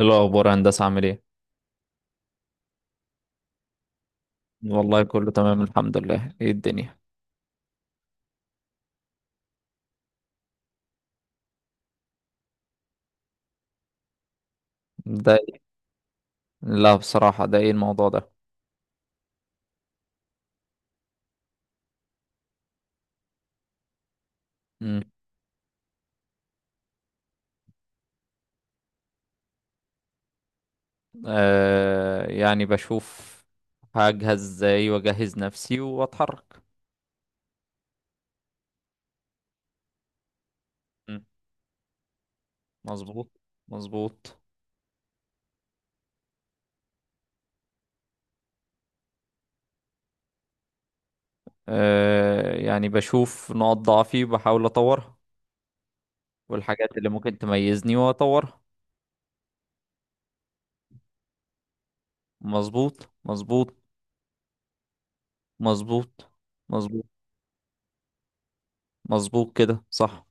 إيه الأخبار يا هندسة، عامل ايه؟ والله كله تمام الحمد لله، ايه الدنيا؟ ده. لا بصراحة، ده ايه الموضوع ده؟ مم. آه، يعني بشوف، هجهز ازاي واجهز نفسي واتحرك. مم. مظبوط، مظبوط. آه، يعني بشوف نقط ضعفي وبحاول اطورها، والحاجات اللي ممكن تميزني واطورها. مظبوط، مظبوط، مظبوط، مظبوط. مظبوط كده، صح.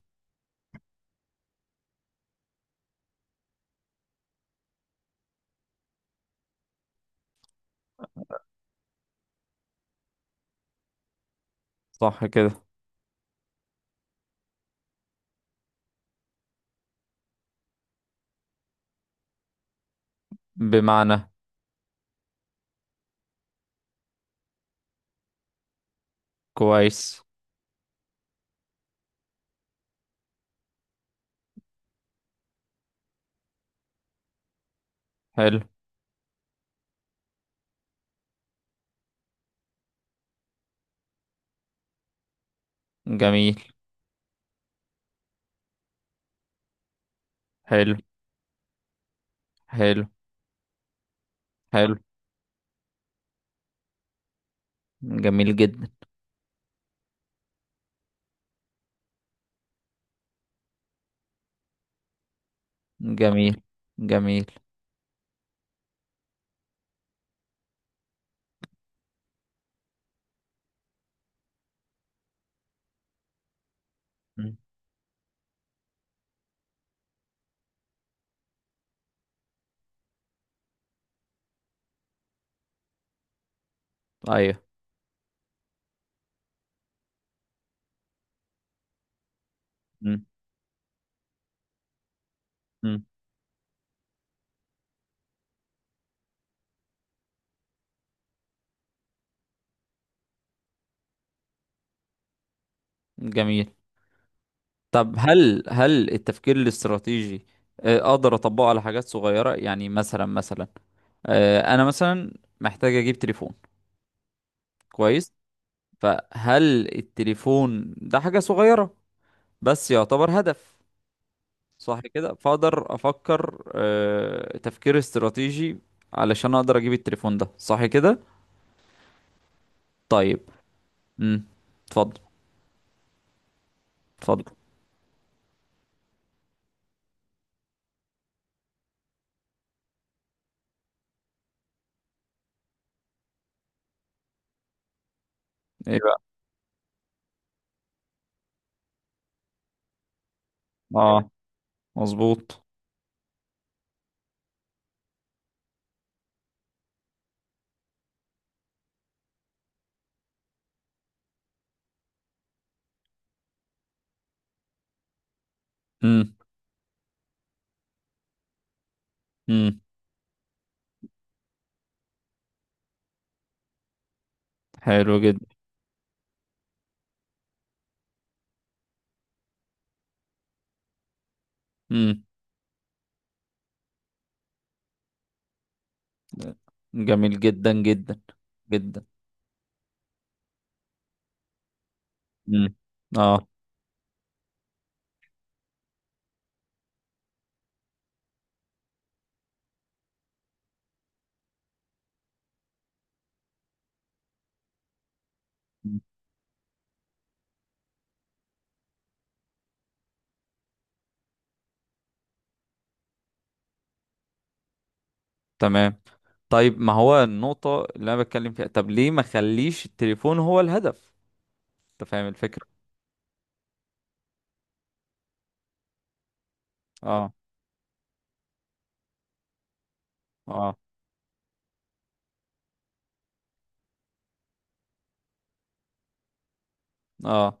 صح كده. بمعنى. كويس. حلو. جميل. حلو. حلو. حلو. جميل جدا. جميل. جميل. مم. ايوه. مم. مم. جميل. طب هل التفكير الاستراتيجي، اقدر اطبقه على حاجات صغيرة؟ يعني مثلا، انا مثلا محتاج اجيب تليفون. كويس. فهل التليفون ده حاجة صغيرة بس يعتبر هدف؟ صح كده. فاقدر افكر تفكير استراتيجي علشان اقدر اجيب التليفون ده، صح كده. طيب. امم اتفضل. اتفضل. ايه بقى؟ اه. مظبوط. امم امم حلو جدا. امم جميل جدا جدا. جدا. امم اه. مم. تمام. طيب، ما هو النقطة اللي انا بتكلم فيها، طب ليه ما خليش التليفون هو الهدف؟ انت فاهم الفكرة؟ اه، اه، اه.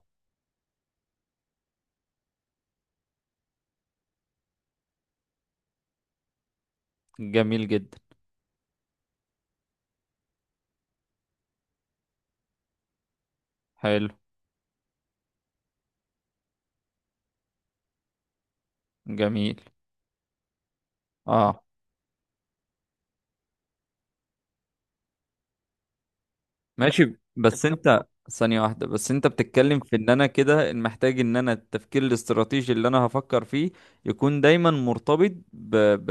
جميل جدا. حلو. جميل. اه. ماشي، بس انت ثانية واحدة، بس انت بتتكلم في ان انا كده محتاج ان انا التفكير الاستراتيجي اللي انا هفكر فيه يكون دايما مرتبط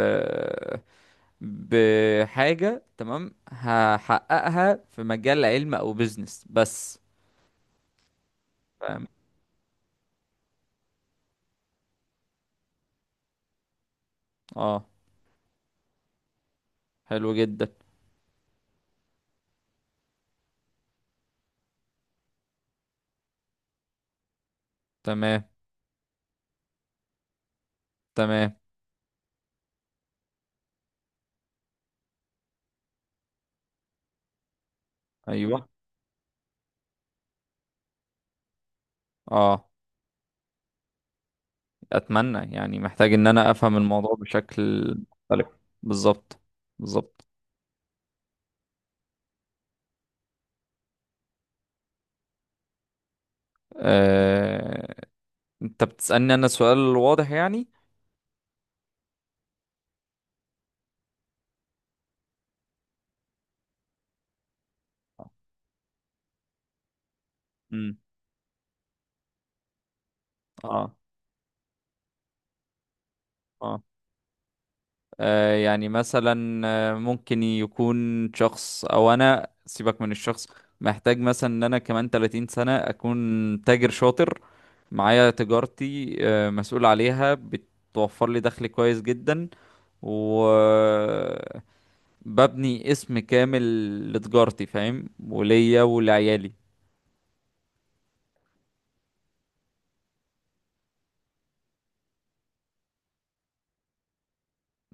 بحاجة، تمام، هحققها في مجال علم او بيزنس بس. فاهم؟ اه. حلو جدا. تمام. تمام. ايوه. اه. اتمنى، يعني محتاج ان انا افهم الموضوع بشكل مختلف. بالظبط، بالظبط. آه... انت بتسألني انا سؤال واضح يعني؟ امم اه. اه. آه، يعني مثلا، ممكن يكون شخص، او انا سيبك من الشخص، محتاج مثلا ان انا كمان 30 سنة اكون تاجر شاطر، معايا تجارتي مسؤول عليها، بتوفر لي دخل كويس جدا، و ببني اسم كامل لتجارتي، فاهم، وليا ولعيالي.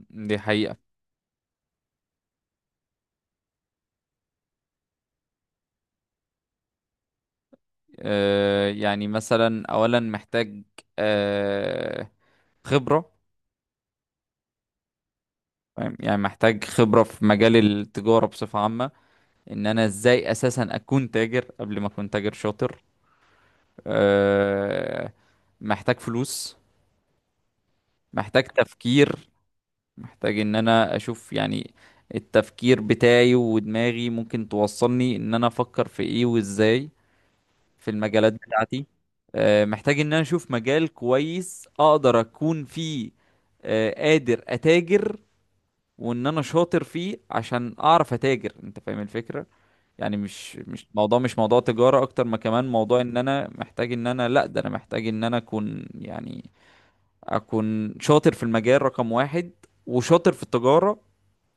دي حقيقة. آه، يعني مثلا اولا محتاج آه، خبرة. فاهم؟ يعني محتاج خبرة في مجال التجارة بصفة عامة، ان انا ازاي اساسا اكون تاجر قبل ما اكون تاجر شاطر. آه، محتاج فلوس. محتاج تفكير. محتاج ان انا اشوف يعني التفكير بتاعي ودماغي ممكن توصلني ان انا افكر في ايه وازاي في المجالات بتاعتي. محتاج ان انا اشوف مجال كويس اقدر اكون فيه، قادر اتاجر، وان انا شاطر فيه عشان اعرف اتاجر، انت فاهم الفكرة؟ يعني مش موضوع، مش موضوع تجارة اكتر ما كمان موضوع، ان انا محتاج، ان انا لا، ده انا محتاج ان انا اكون، يعني اكون شاطر في المجال رقم واحد وشاطر في التجارة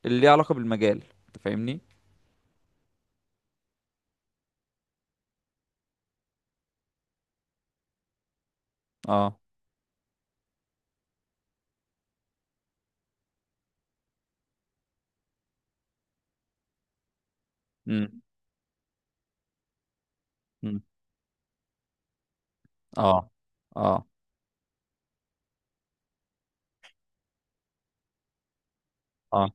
اللي ليها علاقة بالمجال، انت فاهمني؟ اه. امم اه، اه، اه،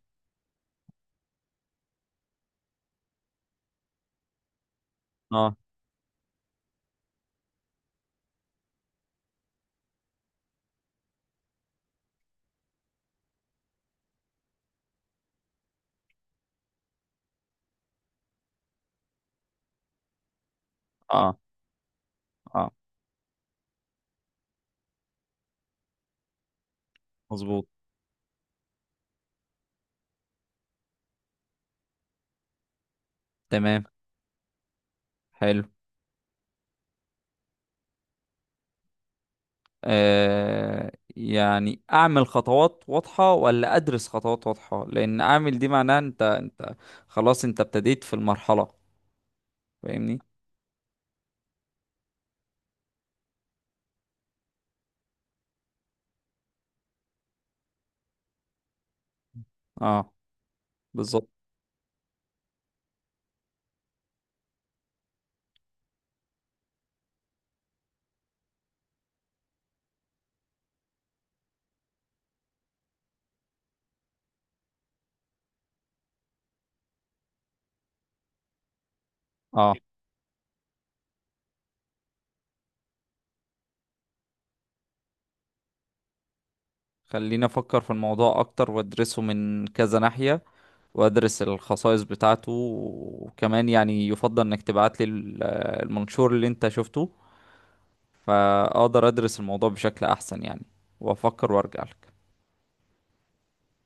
اه، اه، اه. مظبوط. تمام. حلو. آه، يعني اعمل خطوات واضحة ولا ادرس خطوات واضحة؟ لان اعمل دي معناها انت خلاص انت ابتديت في المرحلة، فاهمني؟ اه. بالظبط. اه. خليني افكر في الموضوع اكتر وادرسه من كذا ناحية، وادرس الخصائص بتاعته، وكمان يعني يفضل انك تبعت لي المنشور اللي انت شفته، فاقدر ادرس الموضوع بشكل احسن يعني، وافكر وارجع لك.